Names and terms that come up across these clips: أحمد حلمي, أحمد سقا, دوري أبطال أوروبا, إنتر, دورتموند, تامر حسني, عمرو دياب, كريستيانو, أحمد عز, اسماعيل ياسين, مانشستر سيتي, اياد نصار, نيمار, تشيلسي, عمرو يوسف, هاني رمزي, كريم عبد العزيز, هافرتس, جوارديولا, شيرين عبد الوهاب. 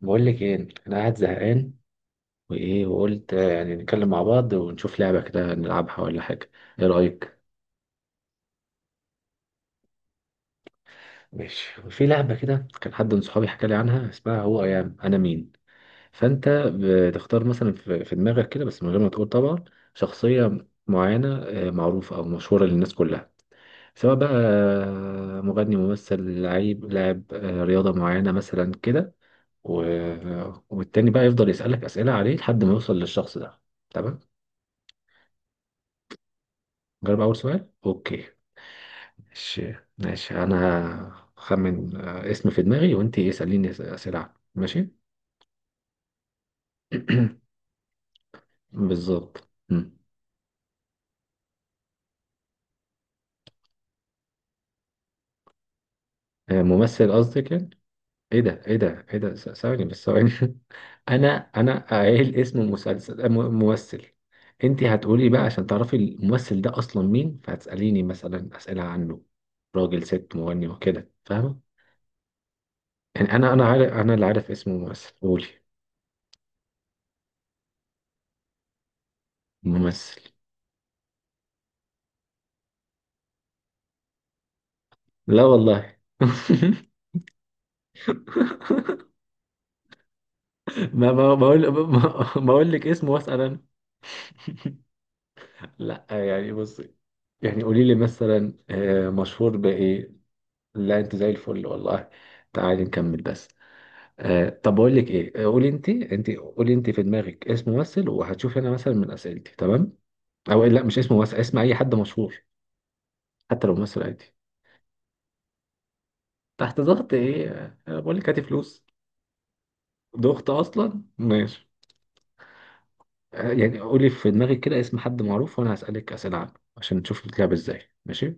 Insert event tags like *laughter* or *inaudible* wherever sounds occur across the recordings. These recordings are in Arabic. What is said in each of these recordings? بقول لك ايه، انا قاعد زهقان. وايه وقلت يعني نتكلم مع بعض ونشوف لعبه كده نلعبها ولا حاجه. ايه رايك؟ ماشي، وفي لعبه كده كان حد من صحابي حكى لي عنها، اسمها هو ايام انا مين. فانت بتختار مثلا في دماغك كده، بس من غير ما تقول طبعا. شخصيه معينه معروفه او مشهوره للناس كلها. سواء بقى مغني، ممثل، لاعب رياضه معينه مثلا كده. و... آه، والتاني بقى يفضل يسالك اسئله عليه لحد ما يوصل للشخص ده. تمام. جرب أول سؤال. أوكي. ماشي ماشي، أنا هخمن اسم في دماغي، وأنت اسأليني أسئلة عنه. ماشي. *clears throat* بالظبط مم. ممثل قصدك يعني؟ إيه ده، إيه ده، إيه ده، ثواني بس ثواني. *laughs* أنا أنا قايل اسم مسلسل ممثل. أنت هتقولي بقى عشان تعرفي الممثل ده أصلا مين، فهتسأليني مثلا أسئلة عنه. راجل، ست، مغني، وكده، فاهمة؟ يعني أنا عارف، أنا اللي عارف اسم الممثل، قولي. ممثل. لا والله. *laughs* ما بقول لك اسمه، واسأل انا. لا يعني، بص. يعني قولي لي مثلا مشهور بإيه؟ لا، انت زي الفل والله. تعالي نكمل بس. طب بقول لك ايه، قولي انت انت قولي انت في دماغك اسم ممثل، وهتشوف انا مثلا من اسئلتي، تمام. او لا، مش اسم ممثل، اسم اي حد مشهور. حتى لو ممثل عادي. تحت ضغط ايه؟ بقول لك هاتي فلوس. ضغط اصلا، ماشي. يعني قولي في دماغك كده اسم حد معروف، وانا هسألك اسئلة عنه. عشان نشوف بتلعب ازاي، ماشي.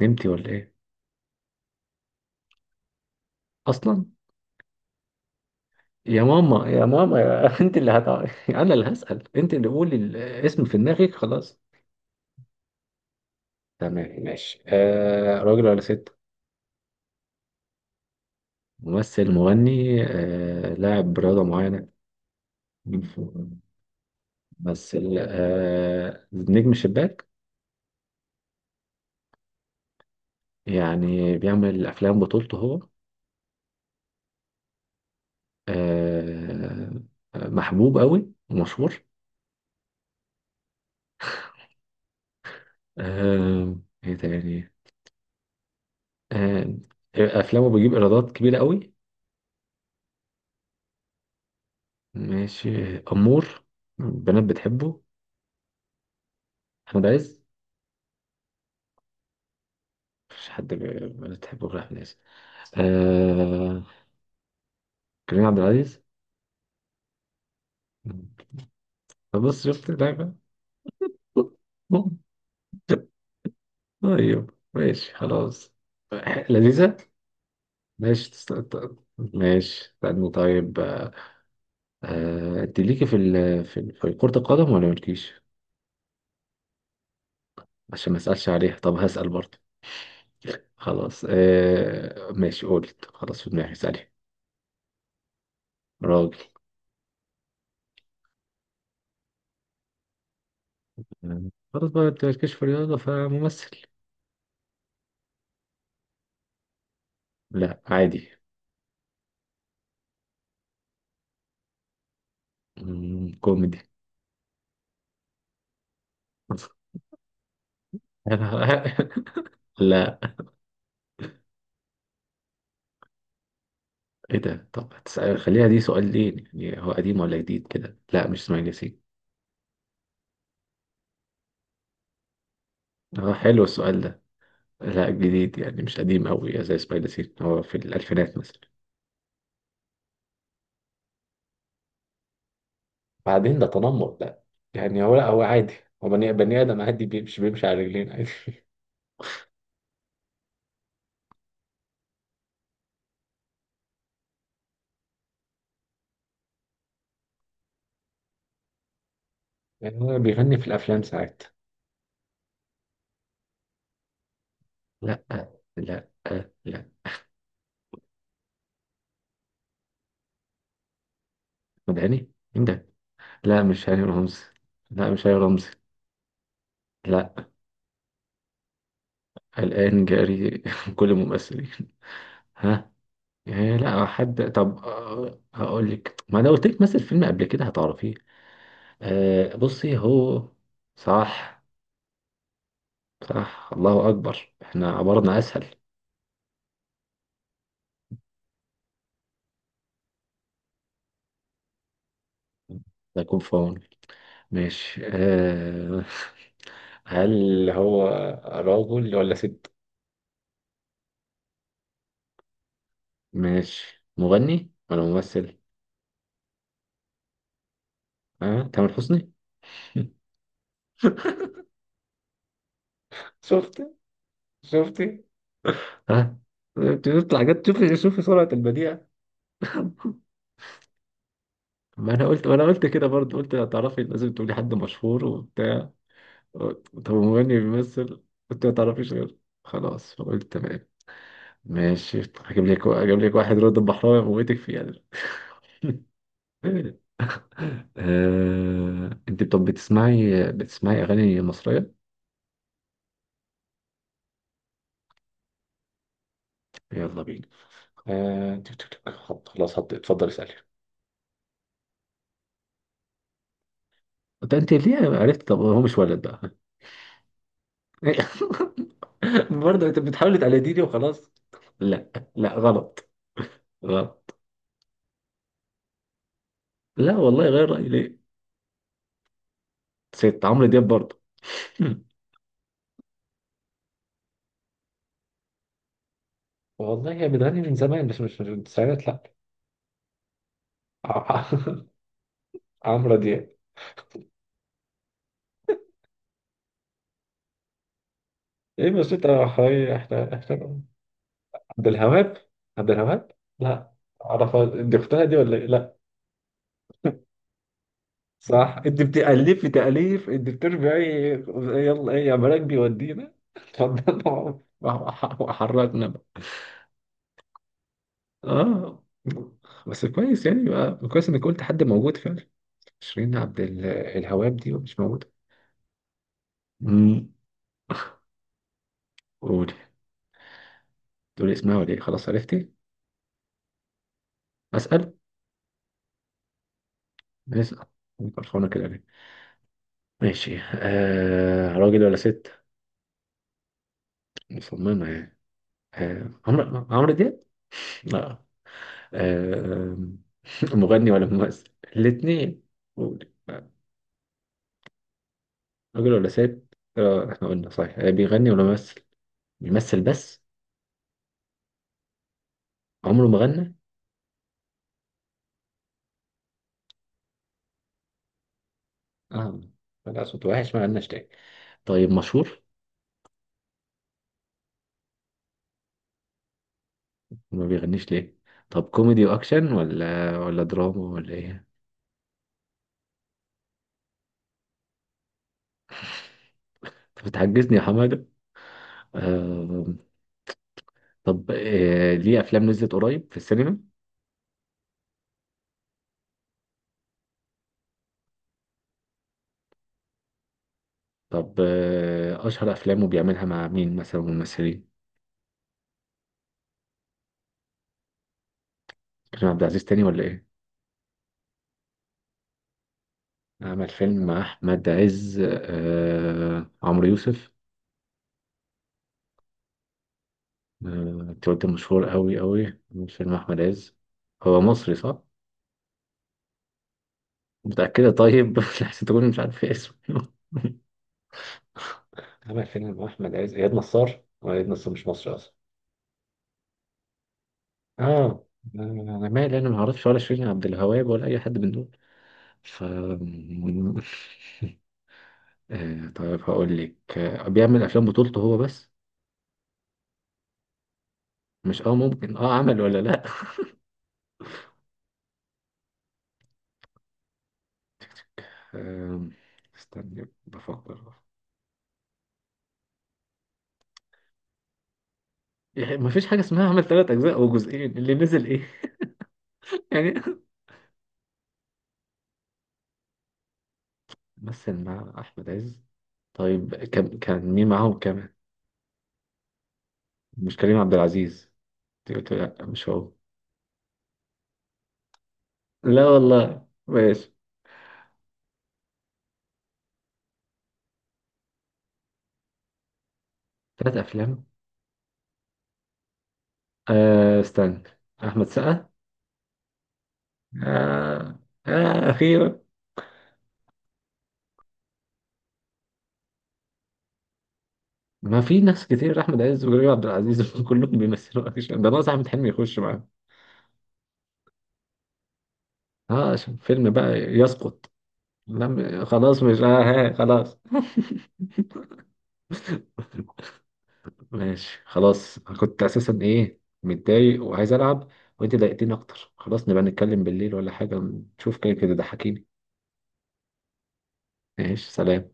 نمتي ولا ايه؟ اصلا. يا ماما يا ماما يا *laughs* انت اللي *laughs* انا اللي هسأل، انت اللي قولي الاسم في دماغك، خلاص. تمام ماشي. راجل ولا ست؟ ممثل، مغني، لاعب رياضة معينة؟ مين فوق؟ ممثل نجم شباك. يعني بيعمل افلام بطولته هو. آه محبوب قوي ومشهور. آه ايه تاني؟ آه افلامه بيجيب ايرادات كبيرة قوي. ماشي، أمور. البنات بتحبه. أحمد عز؟ مفيش حد البنات بتحبه غير أحمد عز. آه... كريم عبد العزيز؟ بص، شفت اللعبة. طيب ماشي خلاص. لذيذة. ماشي ماشي استنى طيب أنت ليكي في كرة القدم ولا مالكيش؟ عشان ما أسألش عليها، طب هسأل برضه. خلاص ماشي، قلت خلاص في دماغي، اسألي. راجل. خلاص بقى، انت مالكش في الرياضة فممثل. لا، عادي. كوميدي. *laughs* أنا- لا. ايه ده؟ طب هتسأل، خليها دي سؤال. ليه يعني هو قديم ولا جديد كده؟ لا، مش اسماعيل ياسين. اه، حلو السؤال ده. لا، جديد، يعني مش قديم قوي زي اسماعيل ياسين. هو في الألفينات مثلا. بعدين ده تنمر، لا. يعني هو، لا، هو عادي. هو بني آدم عادي، بيمشي بيمشي على رجلين عادي. *laughs* يعني هو بيغني في الأفلام ساعات. لا، لا، لا. مدعني مين ده؟ لا، مش هاني رمزي. لا، مش هاني رمزي. لا. الآن جاري. *laughs* كل الممثلين. ها. إيه؟ لا حد؟ طب هقول لك، ما انا قلت لك مثل فيلم قبل كده هتعرفيه. بصي، هو. صح. صح، الله اكبر، احنا عبارنا اسهل. ده يكون فاون. ماشي. *laughs* هل هو راجل ولا ست؟ ماشي، مغني ولا ممثل؟ ها، تامر حسني؟ *laughs* شفت شفت، ها. بتطلع جت، شوفي شوفي سرعة البديع. ما انا قلت، ما انا قلت كده برضه، قلت هتعرفي، لازم تقولي حد مشهور وبتاع. طب مغني بيمثل. قلت ما تعرفيش غير. خلاص، فقلت تمام. ماشي، هجيب لك واحد رد البحراوي موتك فيه يعني. *laughs* انت طب بتسمعي اغاني مصرية؟ يلا بينا. آه... تك- تك- تك. حط خلاص، حط، اتفضل اسألي. ده انت ليه عرفت؟ طب هو مش ولد بقى؟ *laughs* برضه انت بتحاول تقلديني وخلاص. لا، لا، غلط. غلط. لا والله، غير رأيي ليه؟ ست؟ عمرو دياب برضه؟ *laughs* والله هي بتغني من زمان، بس مش من التسعينات، لا. *laughs* عمرو دياب؟ ايه بس انت احنا. عبد الوهاب؟ عبد الوهاب. لا. اعرف دي، اختها دي ولا ايه؟ لا. صح، انت بتألف في تأليف، انت بترجعي. يلا ايه يا مراكبي ودينا، *laughs* اتفضل. وحركنا. اه، بس كويس، يعني بقى كويس انك قلت حد موجود فعلا. شيرين الهواب دي مش موجودة. امم. قول. تقول اسمها ولا ايه؟ خلاص عرفتي؟ اسال. اسال. فرحانة كده ليه؟ ماشي. راجل ولا ست؟ مصممة يعني. عمرو دياب؟ لا. آه. *laughs* مغني ولا ممثل؟ الاتنين. قول. راجل ولا ست؟ احنا قلنا صحيح. بيغني ولا ممثل؟ بيمثل بس. عمره ما غنى. اه. لا، صوت وحش، ما غناش تاني. طيب، مشهور؟ ما بيغنيش ليه؟ طب كوميدي واكشن ولا دراما ولا ايه؟ انت بتحجزني يا حماده. آه. طب ليه افلام نزلت قريب في السينما؟ طب اشهر افلامه بيعملها مع مين مثلا ممثلين؟ كريم عبد العزيز تاني ولا ايه؟ عمل فيلم مع احمد عز، عمرو يوسف؟ آه. انت قلت مشهور قوي قوي، عمل فيلم مع احمد عز. هو مصري صح؟ متأكدة؟ طيب، *laughs* لحسن تكون مش عارف اسمه. *laughs* عمل فيلم مع احمد عز، اياد نصار؟ هو اياد نصار مش مصري اصلا. اه. انا مالي، انا ما اعرفش ولا شيرين عبد الوهاب ولا اي حد من دول. ف. *laughs* طيب هقول لك، بيعمل افلام بطولته هو بس. مش اه ممكن، اه عمل ولا لا؟ آم، استني بفكر. يعني ما فيش حاجه اسمها، عمل 3 اجزاء او جزئين، اللي نزل ايه؟ *laughs* يعني. مثل مع احمد عز. طيب، كان مين معاهم كمان؟ مش كريم عبد العزيز؟ أنت قلت لي لا، مش هو. لا والله، ماشي. 3 أفلام؟ استنى. أحمد سقا؟ آه. أخيرا. ما في ناس كتير، أحمد عز وكريم عبد العزيز، *laughs* كلهم بيمثلوا أكشن. ده ناقص أحمد حلمي يخش معاه. عشان فيلم بقى يسقط. لم خلاص، مش ها، خلاص. ماشي خلاص، أنا كنت أساسا متضايق وعايز ألعب. وأنت ضايقتني أكتر، خلاص نبقى نتكلم بالليل ولا حاجة. نشوف كده كده، ضحكيني. ماشي، سلام.